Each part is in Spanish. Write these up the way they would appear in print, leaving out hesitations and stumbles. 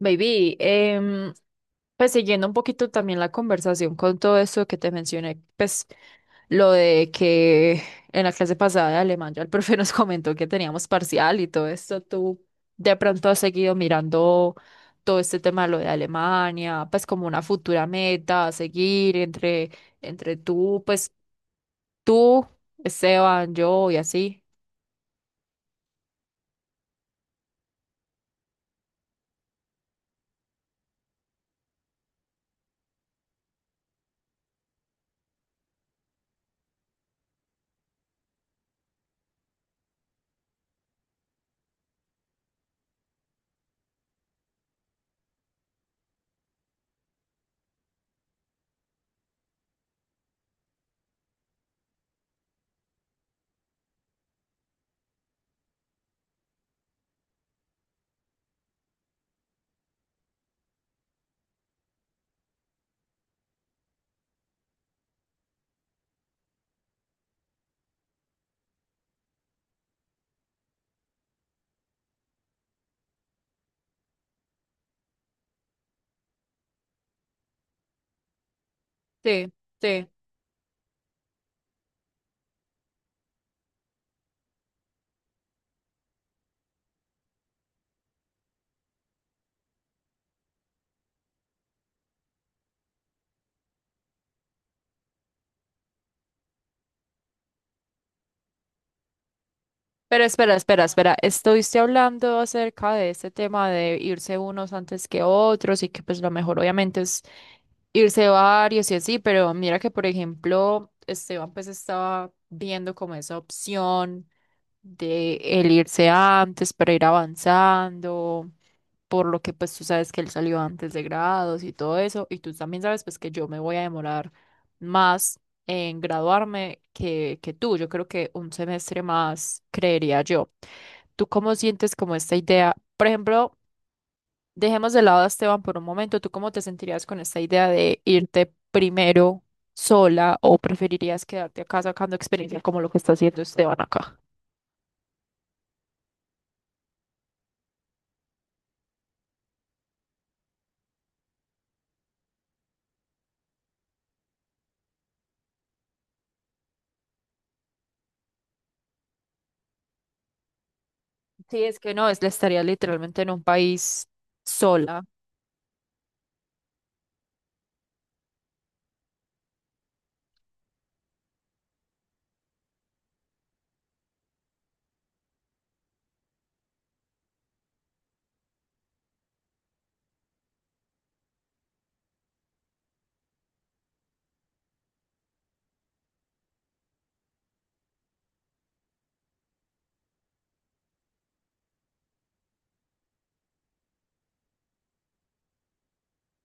Baby, pues siguiendo un poquito también la conversación con todo esto que te mencioné, pues lo de que en la clase pasada de alemán ya el profe nos comentó que teníamos parcial y todo esto, tú de pronto has seguido mirando todo este tema de lo de Alemania, pues como una futura meta a seguir entre tú, Esteban, yo y así. Sí, sí. Pero espera, espera, espera. Estuviste hablando acerca de este tema de irse unos antes que otros y que pues lo mejor obviamente es irse varios y así, pero mira que por ejemplo Esteban pues estaba viendo como esa opción de el irse antes para ir avanzando, por lo que pues tú sabes que él salió antes de grados y todo eso, y tú también sabes pues que yo me voy a demorar más en graduarme que tú. Yo creo que un semestre más, creería yo. ¿Tú cómo sientes como esta idea? Por ejemplo, dejemos de lado a Esteban por un momento. ¿Tú cómo te sentirías con esta idea de irte primero sola o preferirías quedarte acá sacando experiencia como lo que está haciendo Esteban acá? Sí, es que no, estaría literalmente en un país sola.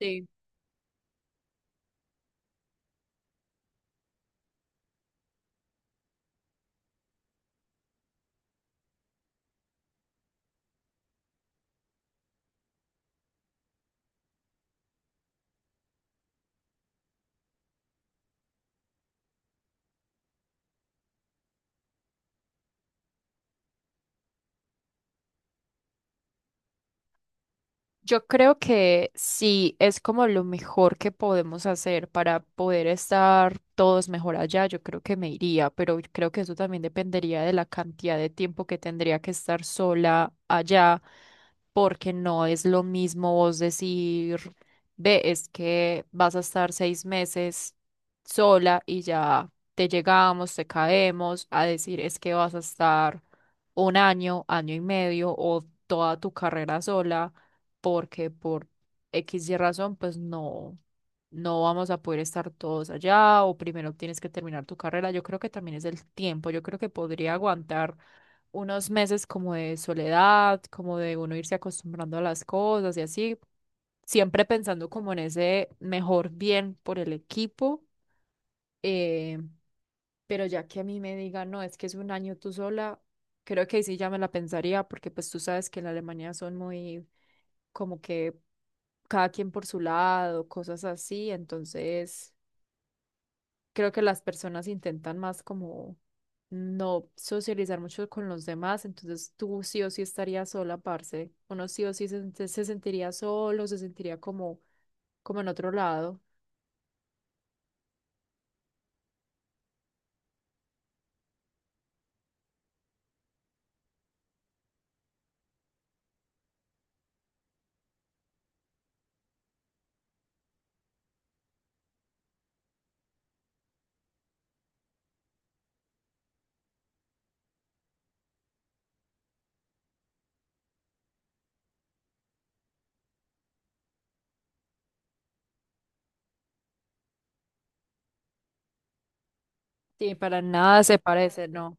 Sí. Yo creo que sí, es como lo mejor que podemos hacer para poder estar todos mejor allá. Yo creo que me iría, pero creo que eso también dependería de la cantidad de tiempo que tendría que estar sola allá, porque no es lo mismo vos decir, ve, es que vas a estar 6 meses sola y ya te llegamos, te caemos, a decir, es que vas a estar un año, año y medio o toda tu carrera sola porque por X y razón, pues no, no vamos a poder estar todos allá o primero tienes que terminar tu carrera. Yo creo que también es el tiempo. Yo creo que podría aguantar unos meses como de soledad, como de uno irse acostumbrando a las cosas y así, siempre pensando como en ese mejor bien por el equipo. eh, pero ya que a mí me digan, no, es que es un año tú sola, creo que ahí sí ya me la pensaría, porque pues tú sabes que en Alemania son muy como que cada quien por su lado, cosas así, entonces creo que las personas intentan más como no socializar mucho con los demás, entonces tú sí o sí estarías sola, parce, uno sí o sí se, sentiría solo, se sentiría como en otro lado, sí, para nada se parece, ¿no?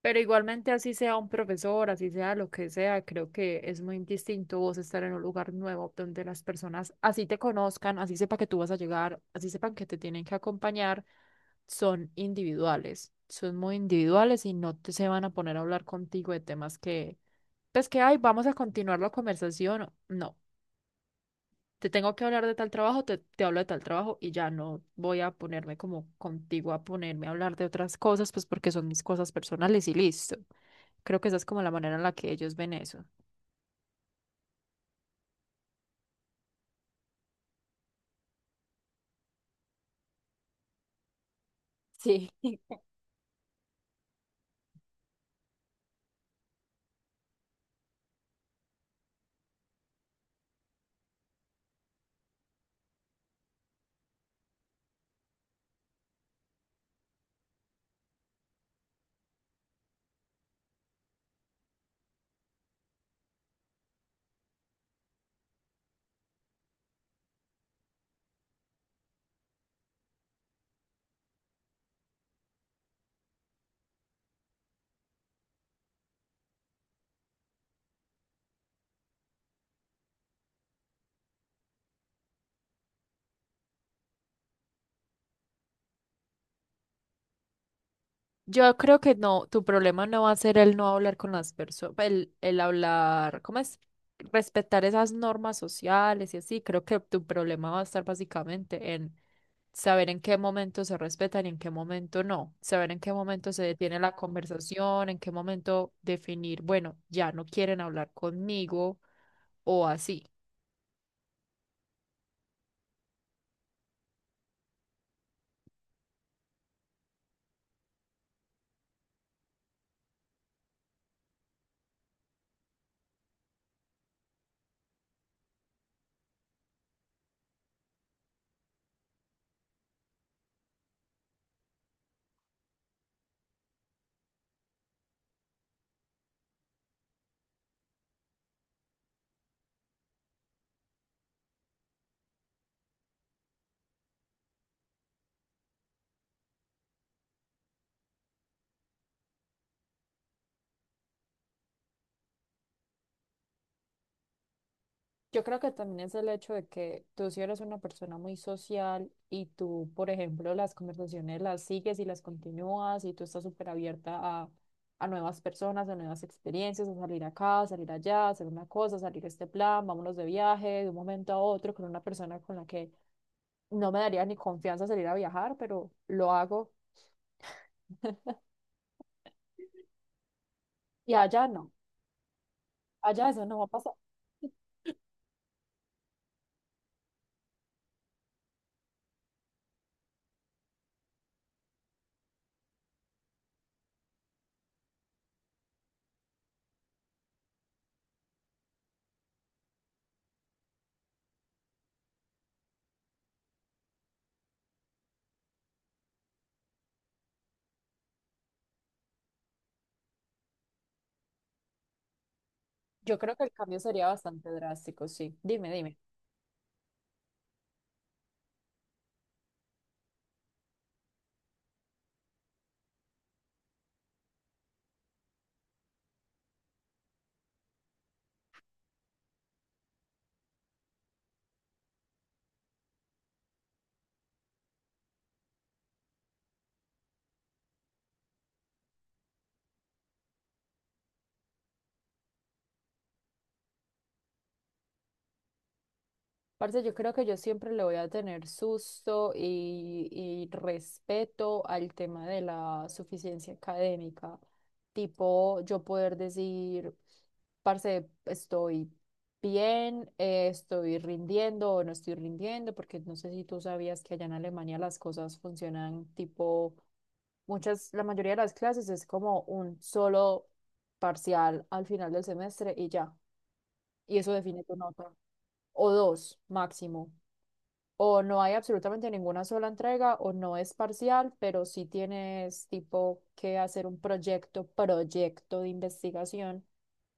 Pero igualmente, así sea un profesor, así sea lo que sea, creo que es muy distinto vos estar en un lugar nuevo donde las personas así te conozcan, así sepa que tú vas a llegar, así sepan que te tienen que acompañar, son individuales, son muy individuales y no te, se van a poner a hablar contigo de temas que, pues que, ay, vamos a continuar la conversación. No, te tengo que hablar de tal trabajo, te hablo de tal trabajo y ya no voy a ponerme como contigo a ponerme a hablar de otras cosas, pues porque son mis cosas personales y listo. Creo que esa es como la manera en la que ellos ven eso. Sí. Yo creo que no, tu problema no va a ser el no hablar con las personas, el, hablar, ¿cómo es? Respetar esas normas sociales y así. Creo que tu problema va a estar básicamente en saber en qué momento se respetan y en qué momento no, saber en qué momento se detiene la conversación, en qué momento definir, bueno, ya no quieren hablar conmigo o así. Yo creo que también es el hecho de que tú si eres una persona muy social y tú, por ejemplo, las conversaciones las sigues y las continúas y tú estás súper abierta a nuevas personas, a nuevas experiencias, a salir acá, a salir allá, a hacer una cosa, a salir a este plan, vámonos de viaje de un momento a otro con una persona con la que no me daría ni confianza salir a viajar, pero lo hago y allá no, allá eso no va a pasar. Yo creo que el cambio sería bastante drástico, sí. Dime, dime. Parce, yo creo que yo siempre le voy a tener susto y respeto al tema de la suficiencia académica. Tipo, yo poder decir, parce, estoy bien, estoy rindiendo o no estoy rindiendo, porque no sé si tú sabías que allá en Alemania las cosas funcionan tipo, muchas, la mayoría de las clases es como un solo parcial al final del semestre y ya. Y eso define tu nota. O dos máximo o no hay absolutamente ninguna sola entrega o no es parcial, pero sí tienes tipo que hacer un proyecto de investigación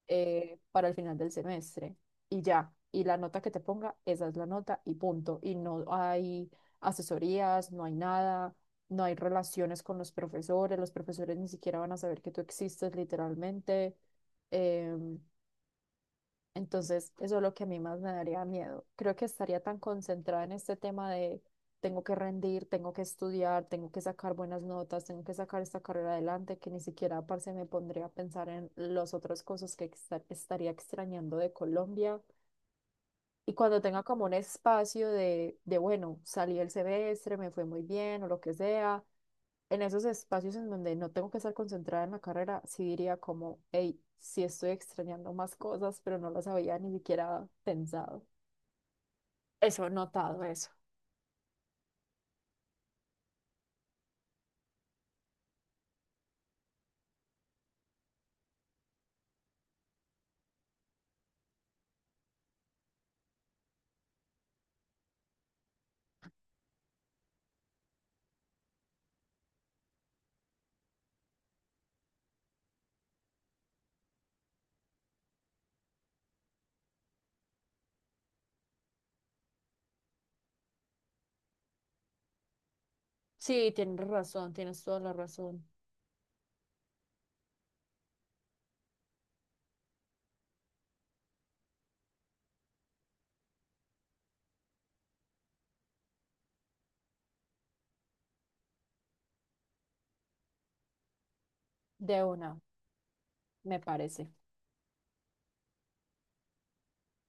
para el final del semestre y ya. Y la nota que te ponga, esa es la nota y punto. Y no hay asesorías, no hay nada, no hay relaciones con los profesores ni siquiera van a saber que tú existes literalmente. Em, entonces, eso es lo que a mí más me daría miedo. Creo que estaría tan concentrada en este tema de tengo que rendir, tengo que estudiar, tengo que sacar buenas notas, tengo que sacar esta carrera adelante, que ni siquiera, parce, me pondría a pensar en las otras cosas que estaría extrañando de Colombia y cuando tenga como un espacio de, bueno, salí el semestre, me fue muy bien o lo que sea, en esos espacios en donde no tengo que estar concentrada en la carrera, sí diría como, hey, sí estoy extrañando más cosas, pero no las había ni siquiera pensado. Eso, notado eso. Sí, tienes razón, tienes toda la razón. De una, me parece.